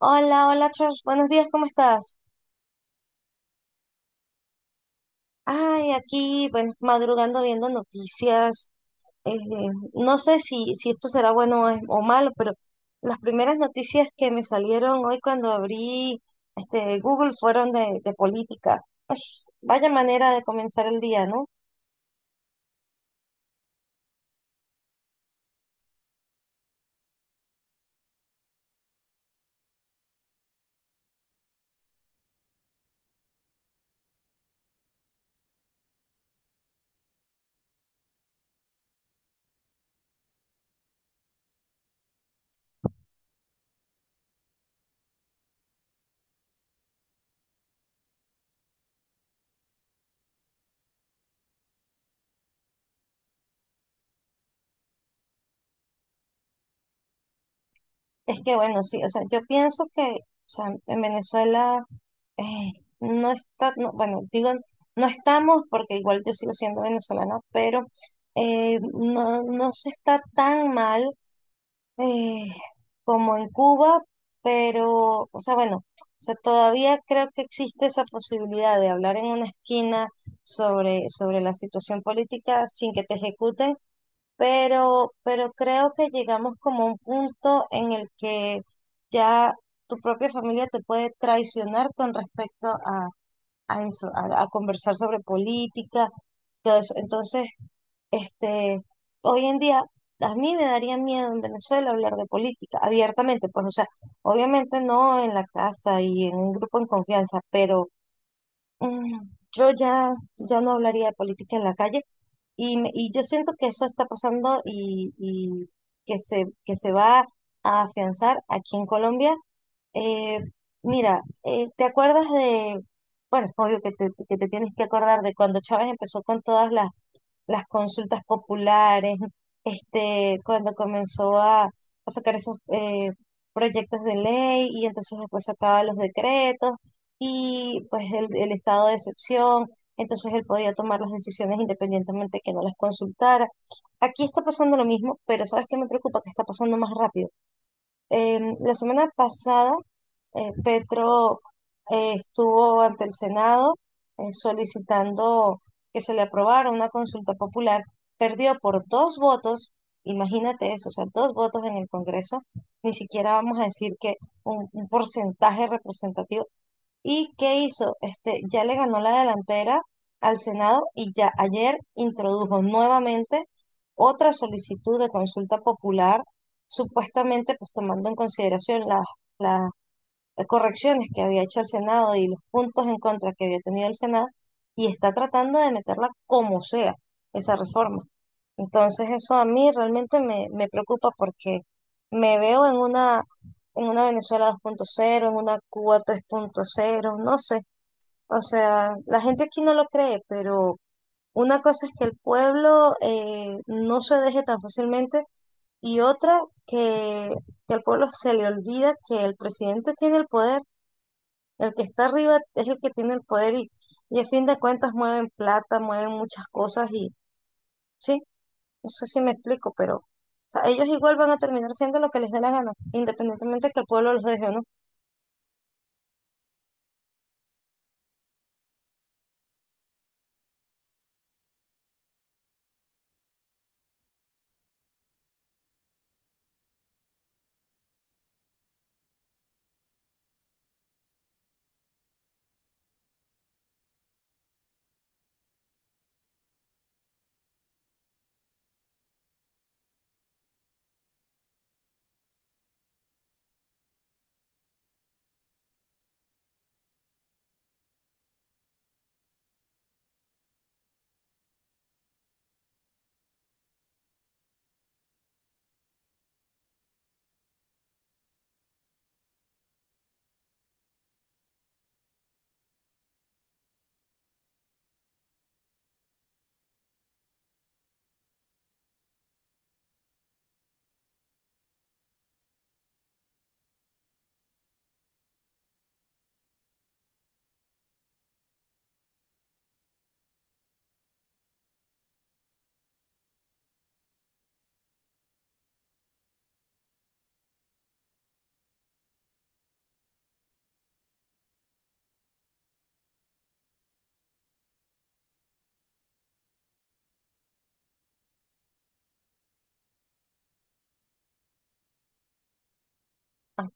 Hola, hola Charles, buenos días, ¿cómo estás? Ay, aquí, bueno, madrugando viendo noticias. eh, no sé si, si esto será bueno o, o malo, pero las primeras noticias que me salieron hoy cuando abrí este Google fueron de política. Ay, vaya manera de comenzar el día, ¿no? Es que bueno, sí, o sea, yo pienso que, o sea, en Venezuela eh, no está, no, bueno, digo, no estamos porque igual yo sigo siendo venezolana, pero no, no se está tan mal eh, como en Cuba, pero, o sea, bueno, o sea, todavía creo que existe esa posibilidad de hablar en una esquina sobre la situación política sin que te ejecuten, pero creo que llegamos como a un punto en el que ya tu propia familia te puede traicionar con respecto a eso, a conversar sobre política, todo eso. Entonces, este, hoy en día a mí me daría miedo en Venezuela hablar de política abiertamente, pues, o sea, obviamente no en la casa y en un grupo en confianza, pero mm, yo ya, ya no hablaría de política en la calle y, y yo siento que eso está pasando y que se va a afianzar aquí en Colombia. eh, Mira, ¿te acuerdas de, bueno, es obvio que te tienes que acordar de cuando Chávez empezó con todas las consultas populares, este, cuando comenzó a sacar esos proyectos de ley y entonces después sacaba los decretos y pues el estado de excepción, entonces él podía tomar las decisiones independientemente que no las consultara. Aquí está pasando lo mismo, pero ¿sabes qué me preocupa? Que está pasando más rápido. La semana pasada Petro estuvo ante el Senado solicitando que se le aprobara una consulta popular, perdió por dos votos, imagínate eso, o sea, dos votos en el Congreso, ni siquiera vamos a decir que un porcentaje representativo. ¿Y qué hizo? Este, ya le ganó la delantera al Senado y ya ayer introdujo nuevamente otra solicitud de consulta popular, supuestamente pues tomando en consideración las correcciones que había hecho el Senado y los puntos en contra que había tenido el Senado y está tratando de meterla como sea, esa reforma. Entonces eso a mí realmente me preocupa porque me veo en una Venezuela dos punto cero en una Cuba tres punto cero, no sé. O sea, la gente aquí no lo cree, pero una cosa es que el pueblo no se deje tan fácilmente y otra que, que al pueblo se le olvida que el presidente tiene el poder, el que está arriba es el que tiene el poder y a fin de cuentas mueven plata, mueven muchas cosas y sí, no sé si me explico, pero o sea, ellos igual van a terminar siendo lo que les dé la gana, independientemente que el pueblo los deje o no. Ah,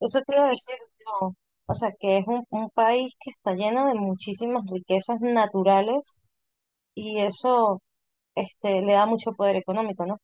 eso te iba a decir, no. O sea, que es un país que está lleno de muchísimas riquezas naturales y eso este, le da mucho poder económico, ¿no?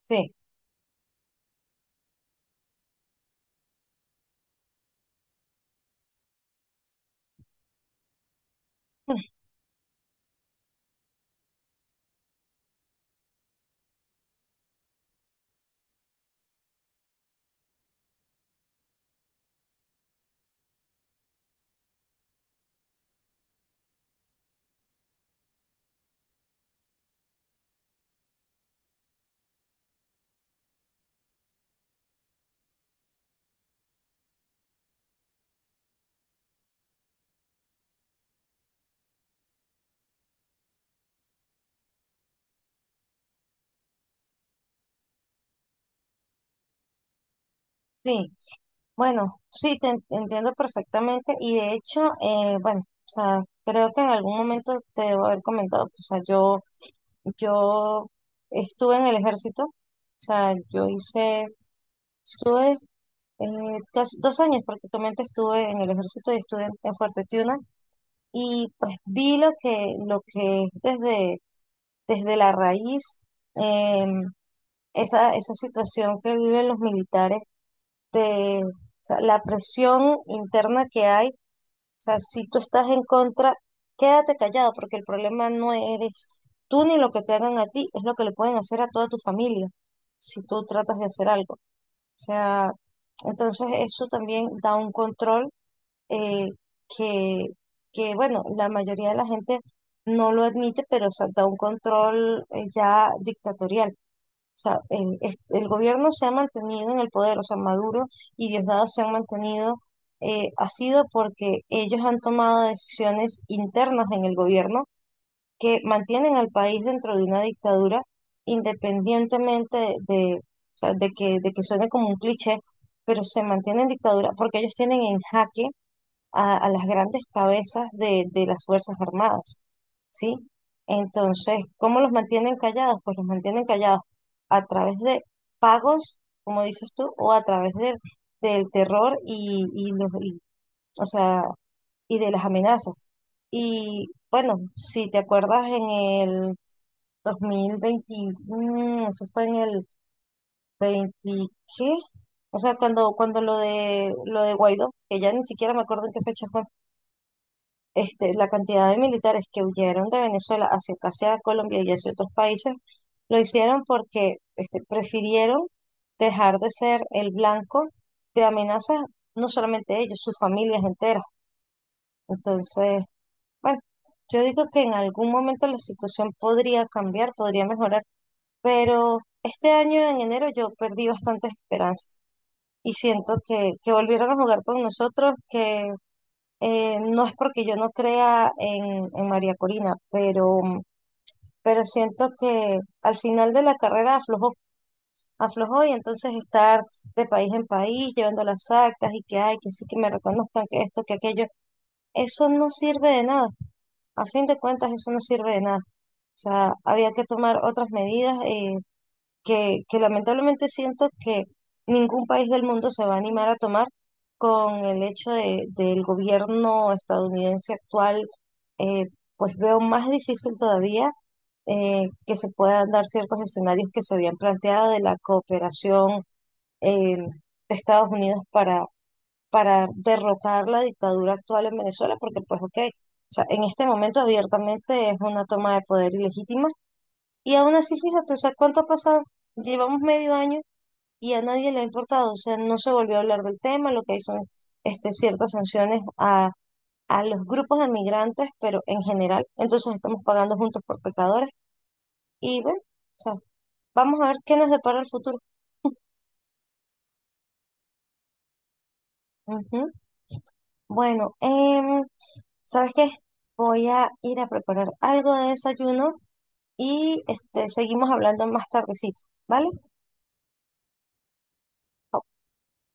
Sí. Sí. Bueno, sí, te entiendo perfectamente y de hecho, bueno, o sea, creo que en algún momento te debo haber comentado, pues, o sea, yo estuve en el ejército, o sea, yo hice, estuve casi dos años prácticamente estuve en el ejército y estuve en Fuerte Tiuna y pues vi lo que es desde, desde la raíz, em, esa, esa situación que viven los militares de, o sea, la presión interna que hay. O sea, si tú estás en contra, quédate callado porque el problema no eres tú ni lo que te hagan a ti, es lo que le pueden hacer a toda tu familia si tú tratas de hacer algo. O sea, entonces eso también da un control eh, que, que, bueno, la mayoría de la gente no lo admite, pero o sea, da un control ya dictatorial. O sea, el, el gobierno se ha mantenido en el poder, o sea, Maduro y Diosdado se han mantenido, ha sido porque ellos han tomado decisiones internas en el gobierno que mantienen al país dentro de una dictadura, independientemente de, o sea, de que suene como un cliché, pero se mantiene en dictadura porque ellos tienen en jaque a las grandes cabezas de las Fuerzas Armadas, ¿sí? Entonces, ¿cómo los mantienen callados? Pues los mantienen callados a través de pagos, como dices tú, o a través del, del terror y los, y, o sea, y de las amenazas. Y bueno, si te acuerdas en el 2020, eso fue en el 20, ¿qué? O sea, cuando, cuando lo de Guaidó, que ya ni siquiera me acuerdo en qué fecha fue, este, la cantidad de militares que huyeron de Venezuela hacia casi a Colombia y hacia otros países, lo hicieron porque este, prefirieron dejar de ser el blanco de amenazas, no solamente ellos, sus familias enteras. Entonces, bueno, yo digo que en algún momento la situación podría cambiar, podría mejorar, pero este año en enero yo perdí bastantes esperanzas. Y siento que volvieron a jugar con nosotros, que no es porque yo no crea en María Corina, pero siento que al final de la carrera aflojó, aflojó y entonces estar de país en país llevando las actas y que hay, que sí que me reconozcan, que esto, que aquello, eso no sirve de nada. A fin de cuentas, eso no sirve de nada. O sea, había que tomar otras medidas. Que lamentablemente siento que ningún país del mundo se va a animar a tomar con el hecho de, del gobierno estadounidense actual, eh, pues veo más difícil todavía que se puedan dar ciertos escenarios que se habían planteado de la cooperación de Estados Unidos para derrocar la dictadura actual en Venezuela, porque pues ok, o sea, en este momento abiertamente es una toma de poder ilegítima. Y aún así, fíjate, o sea, ¿cuánto ha pasado? Llevamos medio año y a nadie le ha importado, o sea, no se volvió a hablar del tema, lo que hay son este, ciertas sanciones a los grupos de migrantes, pero en general, entonces estamos pagando juntos por pecadores y bueno, o sea, vamos a ver qué nos depara el futuro. Ujú. Bueno, ¿sabes qué? Voy a ir a preparar algo de desayuno y este, seguimos hablando más tardecito, ¿vale?